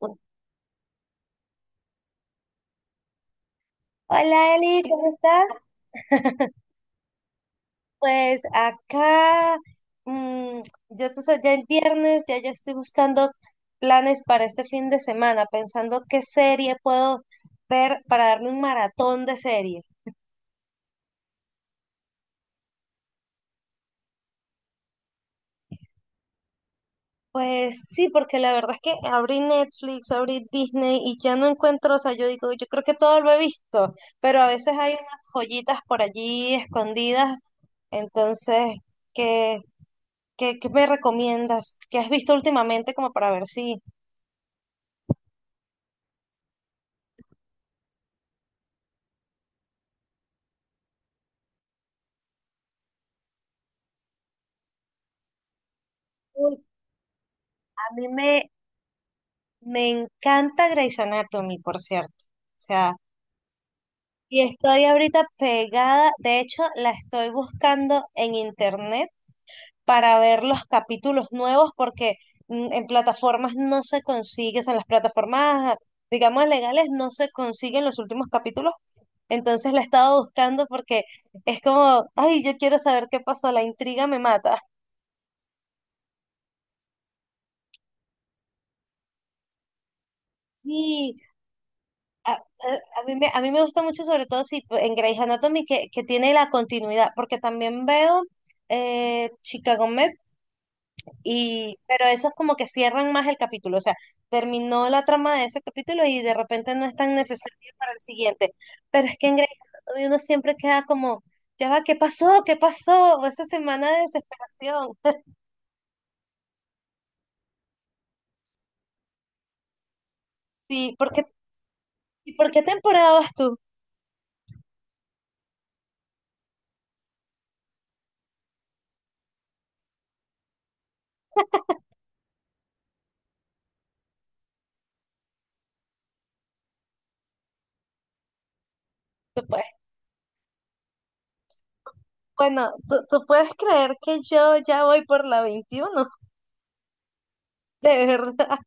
Hola Eli, ¿cómo estás? Pues acá, mm, yo tú sabes, ya es viernes, ya yo estoy buscando planes para este fin de semana, pensando qué serie puedo ver para darme un maratón de series. Pues sí, porque la verdad es que abrí Netflix, abrí Disney y ya no encuentro, o sea, yo digo, yo creo que todo lo he visto, pero a veces hay unas joyitas por allí escondidas, entonces, ¿qué, qué me recomiendas? ¿Qué has visto últimamente como para ver si... Uy, a mí me encanta Grey's Anatomy, por cierto. O sea, y estoy ahorita pegada, de hecho, la estoy buscando en internet para ver los capítulos nuevos porque en plataformas no se consigue, o sea, en las plataformas, digamos, legales no se consiguen los últimos capítulos. Entonces la he estado buscando porque es como, ay, yo quiero saber qué pasó, la intriga me mata. Y a mí a mí me gusta mucho, sobre todo si pues, en Grey's Anatomy, que tiene la continuidad, porque también veo Chicago Med, y, pero esos como que cierran más el capítulo, o sea, terminó la trama de ese capítulo y de repente no es tan necesario para el siguiente. Pero es que en Grey's Anatomy uno siempre queda como, ya va, ¿qué pasó? ¿Qué pasó? O esa semana de desesperación. Sí, porque, ¿y por qué temporada vas tú? Tú puedes- bueno, tú puedes creer que yo ya voy por la 21 de verdad.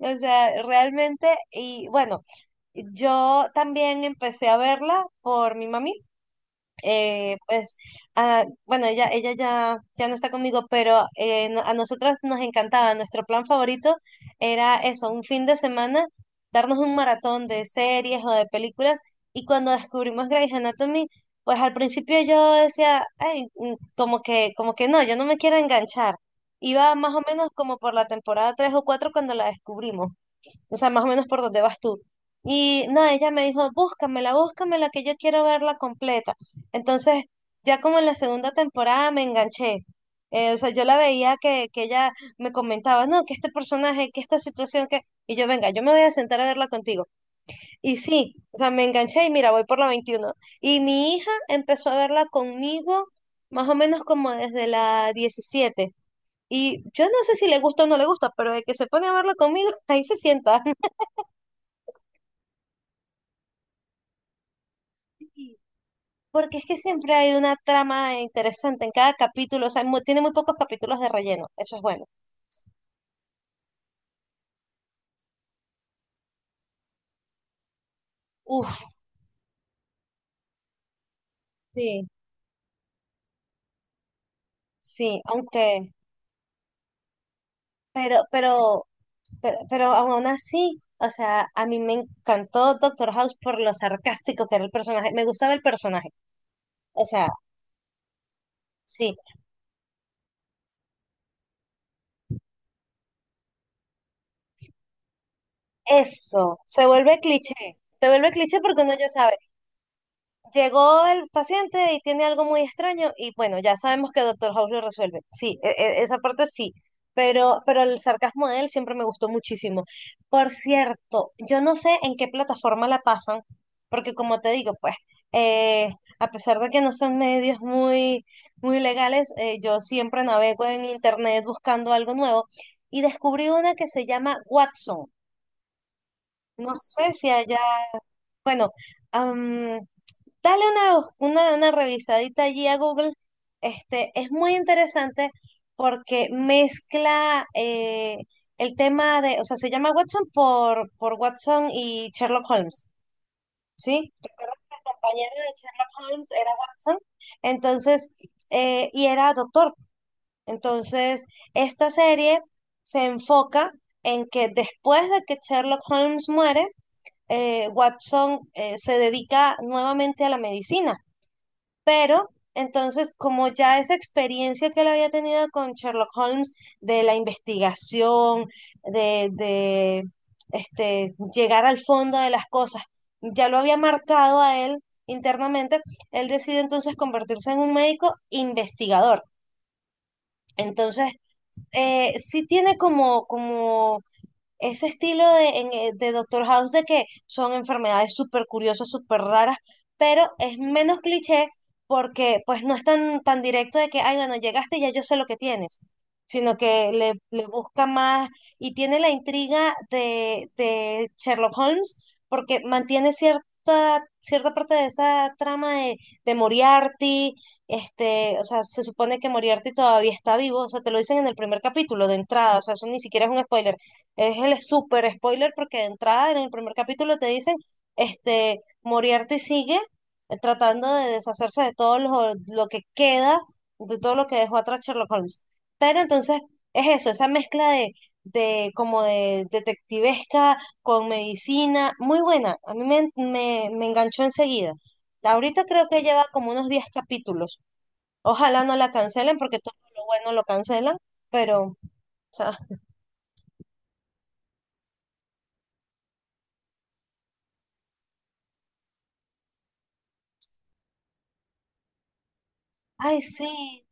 O sea, realmente, y bueno, yo también empecé a verla por mi mami. eh, pues, bueno, ella ya no está conmigo, pero a nosotros nos encantaba. Nuestro plan favorito era eso, un fin de semana, darnos un maratón de series o de películas. Y cuando descubrimos Grey's Anatomy, pues al principio yo decía, ay, como que no, yo no me quiero enganchar. Iba más o menos como por la temporada 3 o 4 cuando la descubrimos. O sea, más o menos por dónde vas tú. Y no, ella me dijo, búscamela, búscamela, que yo quiero verla completa. Entonces, ya como en la segunda temporada me enganché. O sea, yo la veía que ella me comentaba, no, que este personaje, que esta situación, que... Y yo, venga, yo me voy a sentar a verla contigo. Y sí, o sea, me enganché y mira, voy por la 21. Y mi hija empezó a verla conmigo más o menos como desde la 17. Y yo no sé si le gusta o no le gusta, pero de que se pone a verla conmigo, ahí se sienta. Porque es que siempre hay una trama interesante en cada capítulo, o sea, tiene muy pocos capítulos de relleno, eso es bueno. Uf, sí, sí, aunque, pero, pero, pero aún así, o sea, a mí me encantó Doctor House por lo sarcástico que era el personaje, me gustaba el personaje, o sea, sí, eso, se vuelve cliché porque uno ya sabe. Llegó el paciente y tiene algo muy extraño y bueno, ya sabemos que Doctor House lo resuelve. Sí, esa parte sí, pero el sarcasmo de él siempre me gustó muchísimo. Por cierto, yo no sé en qué plataforma la pasan, porque como te digo, pues, eh, a pesar de que no son medios muy, muy legales, yo siempre navego en internet buscando algo nuevo y descubrí una que se llama Watson. No sé si allá, bueno, dale una revisadita allí a Google. Este, es muy interesante porque mezcla el tema de, o sea, se llama Watson por, Watson y Sherlock Holmes, ¿sí? Recuerda que el compañero de Sherlock Holmes era Watson, entonces, y era doctor. Entonces, esta serie se enfoca en que después de que Sherlock Holmes muere, Watson se dedica nuevamente a la medicina. Pero entonces, como ya esa experiencia que él había tenido con Sherlock Holmes de la investigación, de llegar al fondo de las cosas, ya lo había marcado a él internamente, él decide entonces convertirse en un médico investigador. Entonces, sí tiene como, ese estilo de, de Doctor House, de que son enfermedades súper curiosas, súper raras, pero es menos cliché porque pues no es tan, tan directo de que, ay, bueno, llegaste y ya yo sé lo que tienes, sino que le busca más y tiene la intriga de, Sherlock Holmes porque mantiene cierta parte de esa trama de, Moriarty, este, o sea, se supone que Moriarty todavía está vivo, o sea, te lo dicen en el primer capítulo de entrada, o sea, eso ni siquiera es un spoiler, es el super spoiler porque de entrada en el primer capítulo te dicen, este, Moriarty sigue tratando de deshacerse de todo lo que queda, de todo lo que dejó atrás Sherlock Holmes. Pero entonces es eso, esa mezcla de, como de detectivesca con medicina, muy buena. A mí me enganchó enseguida. Ahorita creo que lleva como unos 10 capítulos. Ojalá no la cancelen porque todo lo bueno lo cancelan, pero, o sea, ay, sí.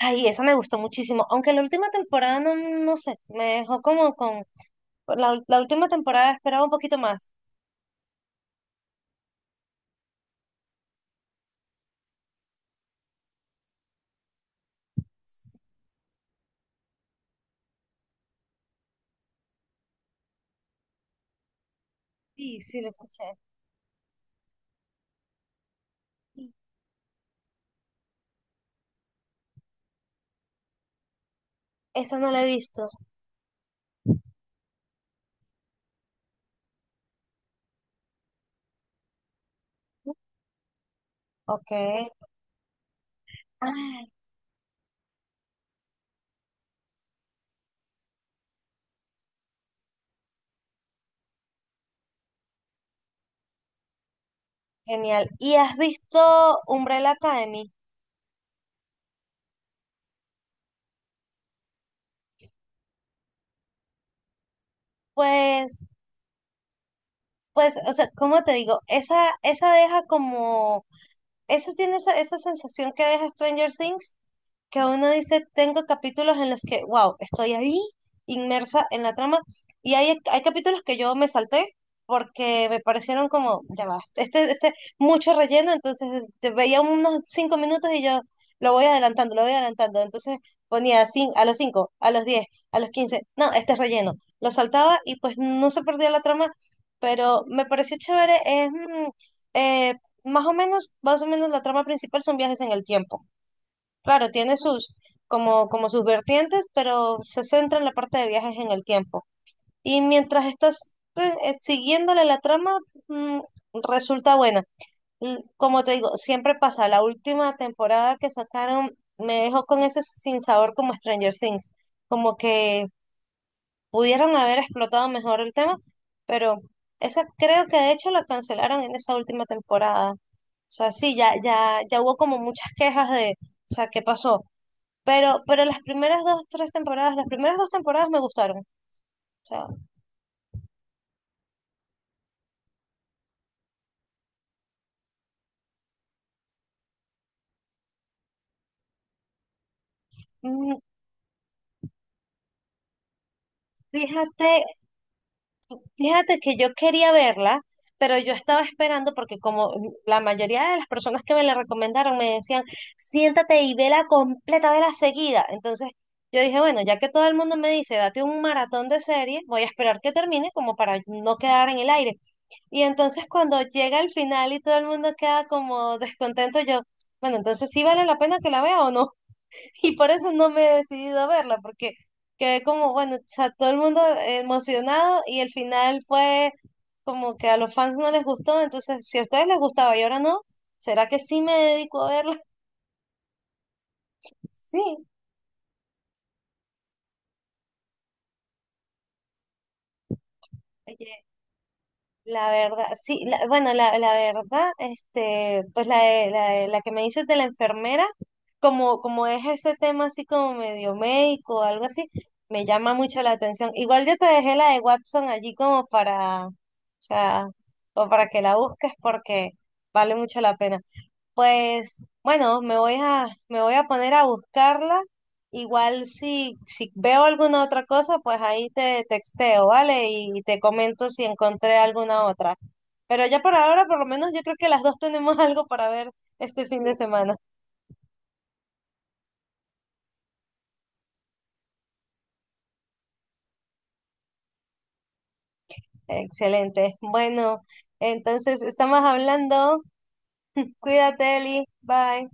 Ay, esa me gustó muchísimo, aunque la última temporada no, no sé, me dejó como con... La última temporada esperaba un poquito más. Sí, sí, la escuché. Esa no la he visto. Ok. Ay, genial. ¿Y has visto Umbrella Academy? Pues, o sea, ¿cómo te digo? Esa deja como, esa tiene esa sensación que deja Stranger Things, que uno dice, tengo capítulos en los que, wow, estoy ahí inmersa en la trama y hay capítulos que yo me salté porque me parecieron como, ya va, mucho relleno, entonces yo veía unos 5 minutos y yo lo voy adelantando, entonces ponía a los cinco, a los 10, a los 15, no, este es relleno, lo saltaba y pues no se perdía la trama, pero me pareció chévere, es... eh, más o menos la trama principal son viajes en el tiempo. Claro, tiene sus, como sus vertientes, pero se centra en la parte de viajes en el tiempo. Y mientras estás siguiéndole la trama, mm, resulta buena. Como te digo, siempre pasa. La última temporada que sacaron me dejó con ese sinsabor como Stranger Things. Como que pudieron haber explotado mejor el tema, pero esa creo que de hecho la cancelaron en esa última temporada. O sea, sí, ya hubo como muchas quejas de, o sea, ¿qué pasó? Pero las primeras dos, tres temporadas, las primeras dos temporadas me gustaron. O sea, mm, fíjate, fíjate que yo quería verla, pero yo estaba esperando porque como la mayoría de las personas que me la recomendaron me decían, siéntate y vela completa, vela seguida. Entonces yo dije, bueno, ya que todo el mundo me dice, date un maratón de serie, voy a esperar que termine como para no quedar en el aire. Y entonces cuando llega el final y todo el mundo queda como descontento, yo, bueno, entonces sí vale la pena que la vea o no. Y por eso no me he decidido a verla, porque quedé como, bueno, o sea, todo el mundo emocionado y el final fue como que a los fans no les gustó, entonces si a ustedes les gustaba y ahora no, ¿será que sí me dedico a verla? Sí. Oye, la verdad, sí, bueno, la verdad, este, pues la que me dices de la enfermera, como, como es ese tema así como medio médico o algo así, me llama mucho la atención. Igual yo te dejé la de Watson allí como para, o sea, o para que la busques porque vale mucho la pena. Pues bueno, me voy a poner a buscarla. Igual si veo alguna otra cosa, pues ahí te texteo, ¿vale? Y te comento si encontré alguna otra. Pero ya por ahora, por lo menos yo creo que las dos tenemos algo para ver este fin de semana. Excelente. Bueno, entonces estamos hablando. Cuídate, Eli. Bye.